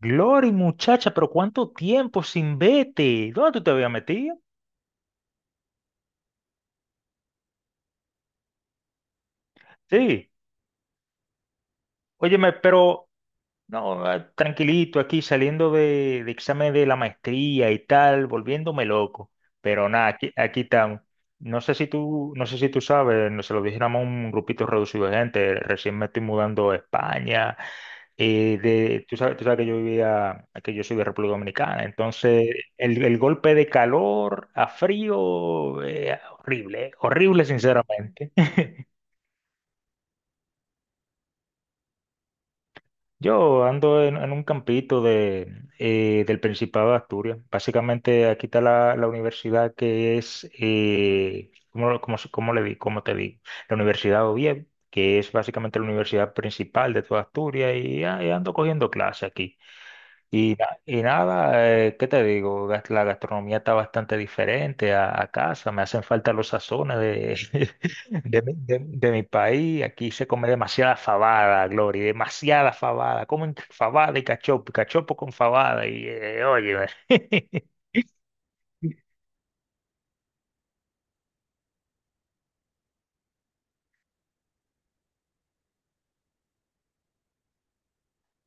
Glory, muchacha, pero ¿cuánto tiempo sin vete? ¿Dónde tú te habías metido? Sí. Óyeme, pero. No, tranquilito aquí saliendo de examen de la maestría y tal, volviéndome loco. Pero nada, aquí estamos. No sé si tú sabes, no se lo dijéramos a un grupito reducido de gente. Recién me estoy mudando a España. Tú sabes que yo vivía, que yo soy de República Dominicana. Entonces, el golpe de calor a frío, horrible, horrible sinceramente. Yo ando en un campito del Principado de Asturias. Básicamente aquí está la universidad que es. Cómo le di? ¿Cómo te digo? La Universidad de Oviedo, que es básicamente la universidad principal de toda Asturias y ando cogiendo clase aquí. Y nada, ¿qué te digo? La gastronomía está bastante diferente a casa. Me hacen falta los sazones de, de mi país. Aquí se come demasiada fabada, Glory, demasiada fabada. Comen fabada y cachopo con fabada. Y óyeme.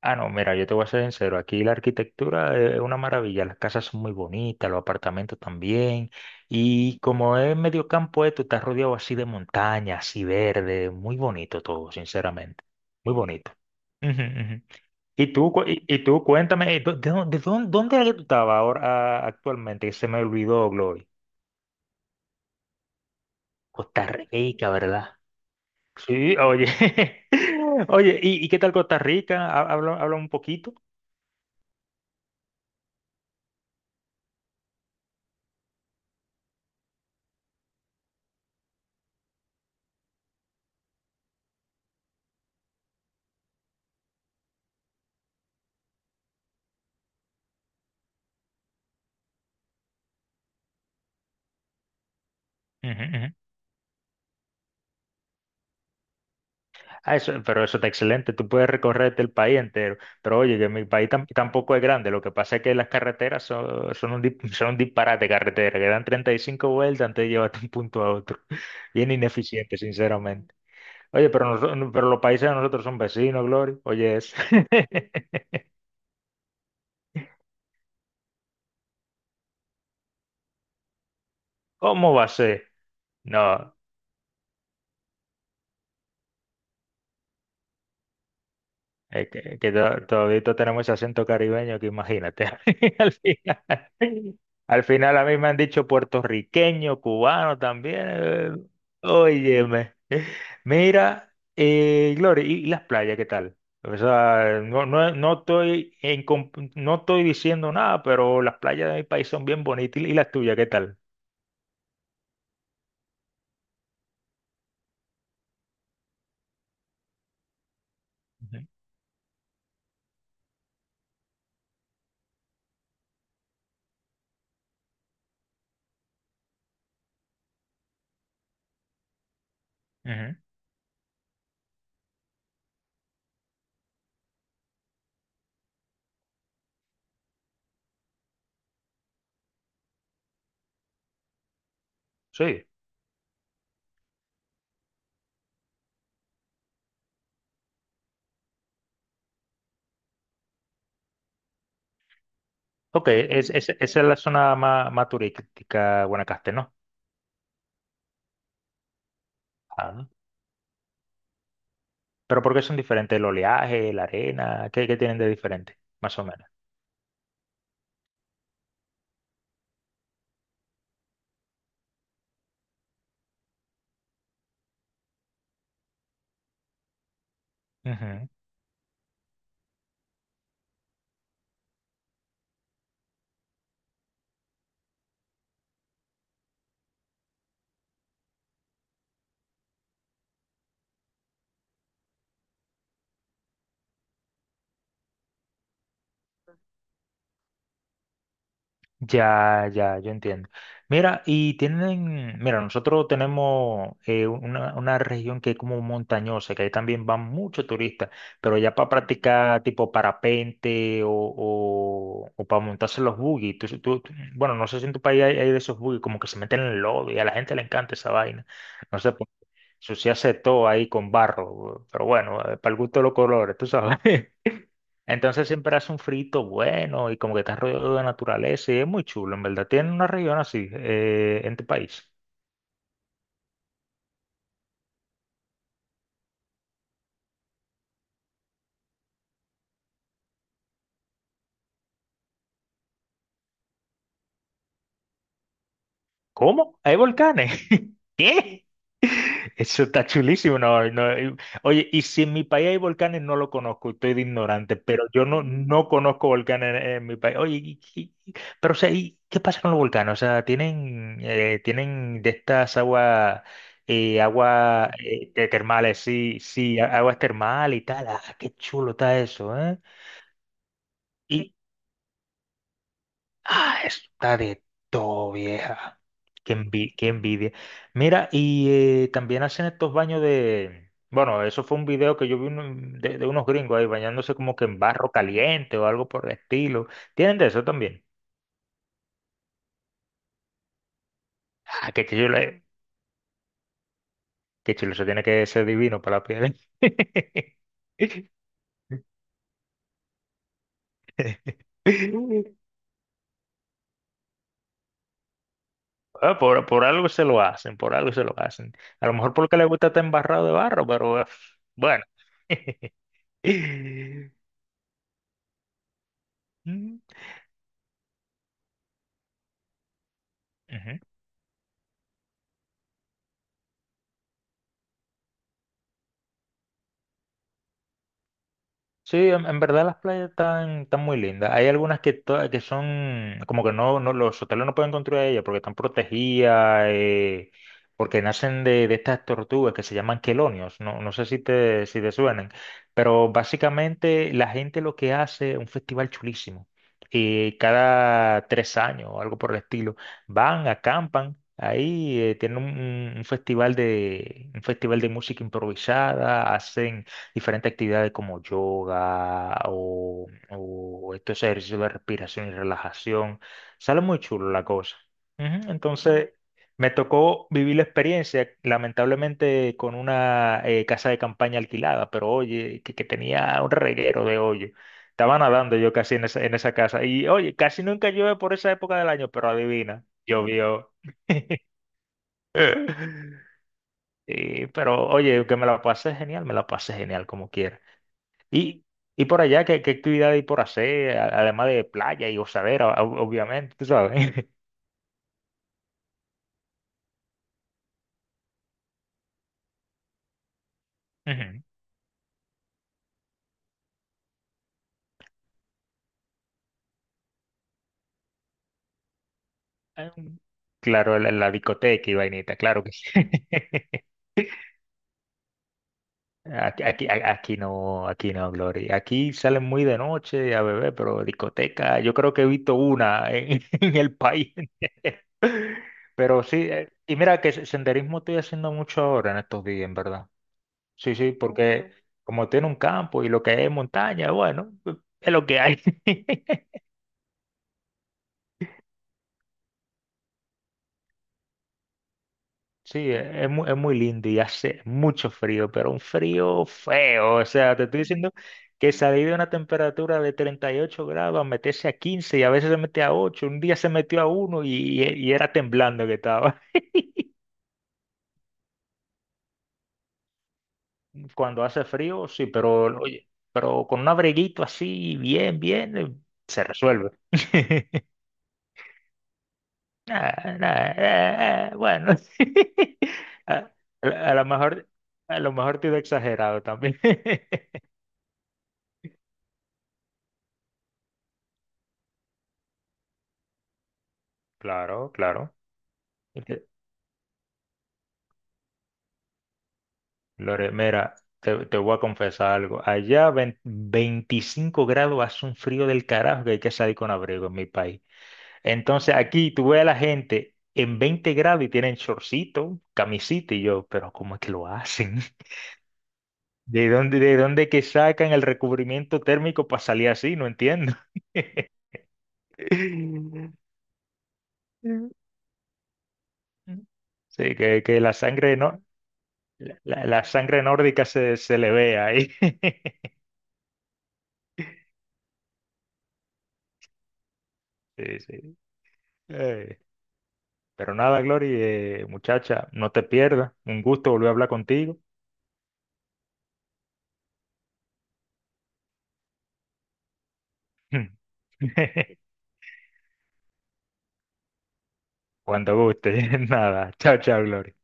Ah, no, mira, yo te voy a ser sincero. Aquí la arquitectura es una maravilla. Las casas son muy bonitas, los apartamentos también. Y como es medio campo esto, está rodeado así de montaña, así verde. Muy bonito todo, sinceramente. Muy bonito. Ujú, ujú. Y tú, cuéntame, ¿De dónde era que tú estabas ahora, actualmente? Que se me olvidó, Glory. Costa Rica, ¿verdad? Sí, oye. Oye, ¿y qué tal Costa Rica? Habla, habla un poquito. Ujú, ujú. Ah, eso, pero eso está excelente, tú puedes recorrerte el país entero, pero oye, que mi país tampoco es grande, lo que pasa es que las carreteras son un disparate de carretera, que dan 35 vueltas antes de llevarte de un punto a otro, bien ineficiente, sinceramente. Oye, pero, los países de nosotros son vecinos, Glory, oye eso. ¿Cómo va a ser? No. Es que todavía tenemos ese acento caribeño que imagínate. Al final, al final, a mí me han dicho puertorriqueño, cubano también. Óyeme. Mira, Gloria, ¿y las playas qué tal? O sea, no, no, no estoy diciendo nada, pero las playas de mi país son bien bonitas. ¿Y las tuyas qué tal? Ujú, ujú. Sí. Ok, esa es la zona más turística, Guanacaste, ¿no? Pero ¿por qué son diferentes? ¿El oleaje, la arena? ¿Qué tienen de diferente? Más o menos. Ujú. Ya, ya, yo entiendo. Mira, nosotros tenemos una región que es como montañosa, que ahí también van muchos turistas, pero ya para practicar tipo parapente o para montarse los buggy. Bueno, no sé si en tu país hay de esos buggy, como que se meten en el lodo y a la gente le encanta esa vaina. No sé, pues, se hace todo ahí con barro, pero bueno, para el gusto de los colores, tú sabes. Entonces siempre hace un frito bueno y como que está rodeado de naturaleza y es muy chulo, en verdad. Tiene una región así en tu país. ¿Cómo? ¿Hay volcanes? ¿Qué? Eso está chulísimo. No, no, y-. Oye, y si en mi país hay volcanes, no lo conozco, estoy de ignorante, pero yo no, no conozco volcanes en mi país. Oye, pero o sea, ¿y qué pasa con los volcanes? O sea, ¿tienen de estas aguas, agua de termales? Sí, sí, aguas termales y tal. Ah, qué chulo está eso, ¿eh? Y está de todo, vieja. Qué envidia. Mira, y también hacen estos baños de. Bueno, eso fue un video que yo vi de unos gringos ahí bañándose como que en barro caliente o algo por el estilo. ¿Tienen de eso también? Ah, qué chulo, eh. Qué chulo, eso tiene que ser divino para la piel. Ah, por algo se lo hacen, por algo se lo hacen. A lo mejor porque le gusta estar embarrado de barro, pero bueno. Mm, ujú. Sí, en verdad las playas están muy lindas. Hay algunas que son como que no, no, los hoteles no pueden construir ellas porque están protegidas, porque nacen de estas tortugas que se llaman quelonios. No, no sé si te, suenan, pero básicamente la gente lo que hace es un festival chulísimo. Y cada 3 años o algo por el estilo, van, acampan. Ahí tienen un festival de música improvisada, hacen diferentes actividades como yoga o estos ejercicios de respiración y relajación. Sale muy chulo la cosa. Ujú. Entonces, me tocó vivir la experiencia, lamentablemente, con una casa de campaña alquilada, pero oye, que tenía un reguero de hoyo. Estaba nadando yo casi en esa casa. Y oye, casi nunca llueve por esa época del año, pero adivina, llovió. Pero oye, que me la pasé genial, me la pasé genial como quiera. Y, y por allá, ¿qué actividad hay por hacer? Además de playa y gozadera, obviamente, tú sabes. Ujú. Ah, claro, la discoteca y vainita, claro que sí. Aquí no, aquí no, Glory. Aquí salen muy de noche a beber, pero discoteca, yo creo que he visto una en, en el país. Pero sí, y mira que senderismo estoy haciendo mucho ahora en estos días, en verdad. Sí, sí, porque como tiene un campo y lo que es montaña, bueno, es lo que hay. Sí, es muy lindo y hace mucho frío, pero un frío feo. O sea, te estoy diciendo que salir de una temperatura de 38 grados, a meterse a 15 y a veces se mete a 8, un día se metió a uno y era temblando que estaba. Cuando hace frío, sí, pero oye, pero con un abriguito así, bien, bien, se resuelve. Ah, nah, bueno, a, a lo mejor, a lo mejor te he exagerado también. Claro, claro. Este, Lore, mira, te voy a confesar algo. Allá 25 grados hace un frío del carajo que hay que salir con abrigo en mi país. Entonces aquí tú ves a la gente en 20 grados y tienen shortcito, camisita y yo, pero ¿cómo es que lo hacen? ¿De dónde que sacan el recubrimiento térmico para salir así? No entiendo. Sí, que la sangre nórdica se le ve ahí. Sí, sí. Eh, pero nada, Glory, muchacha, no te pierdas. Un gusto volver a hablar contigo. Cuando guste, nada. Chao, chao, Glory.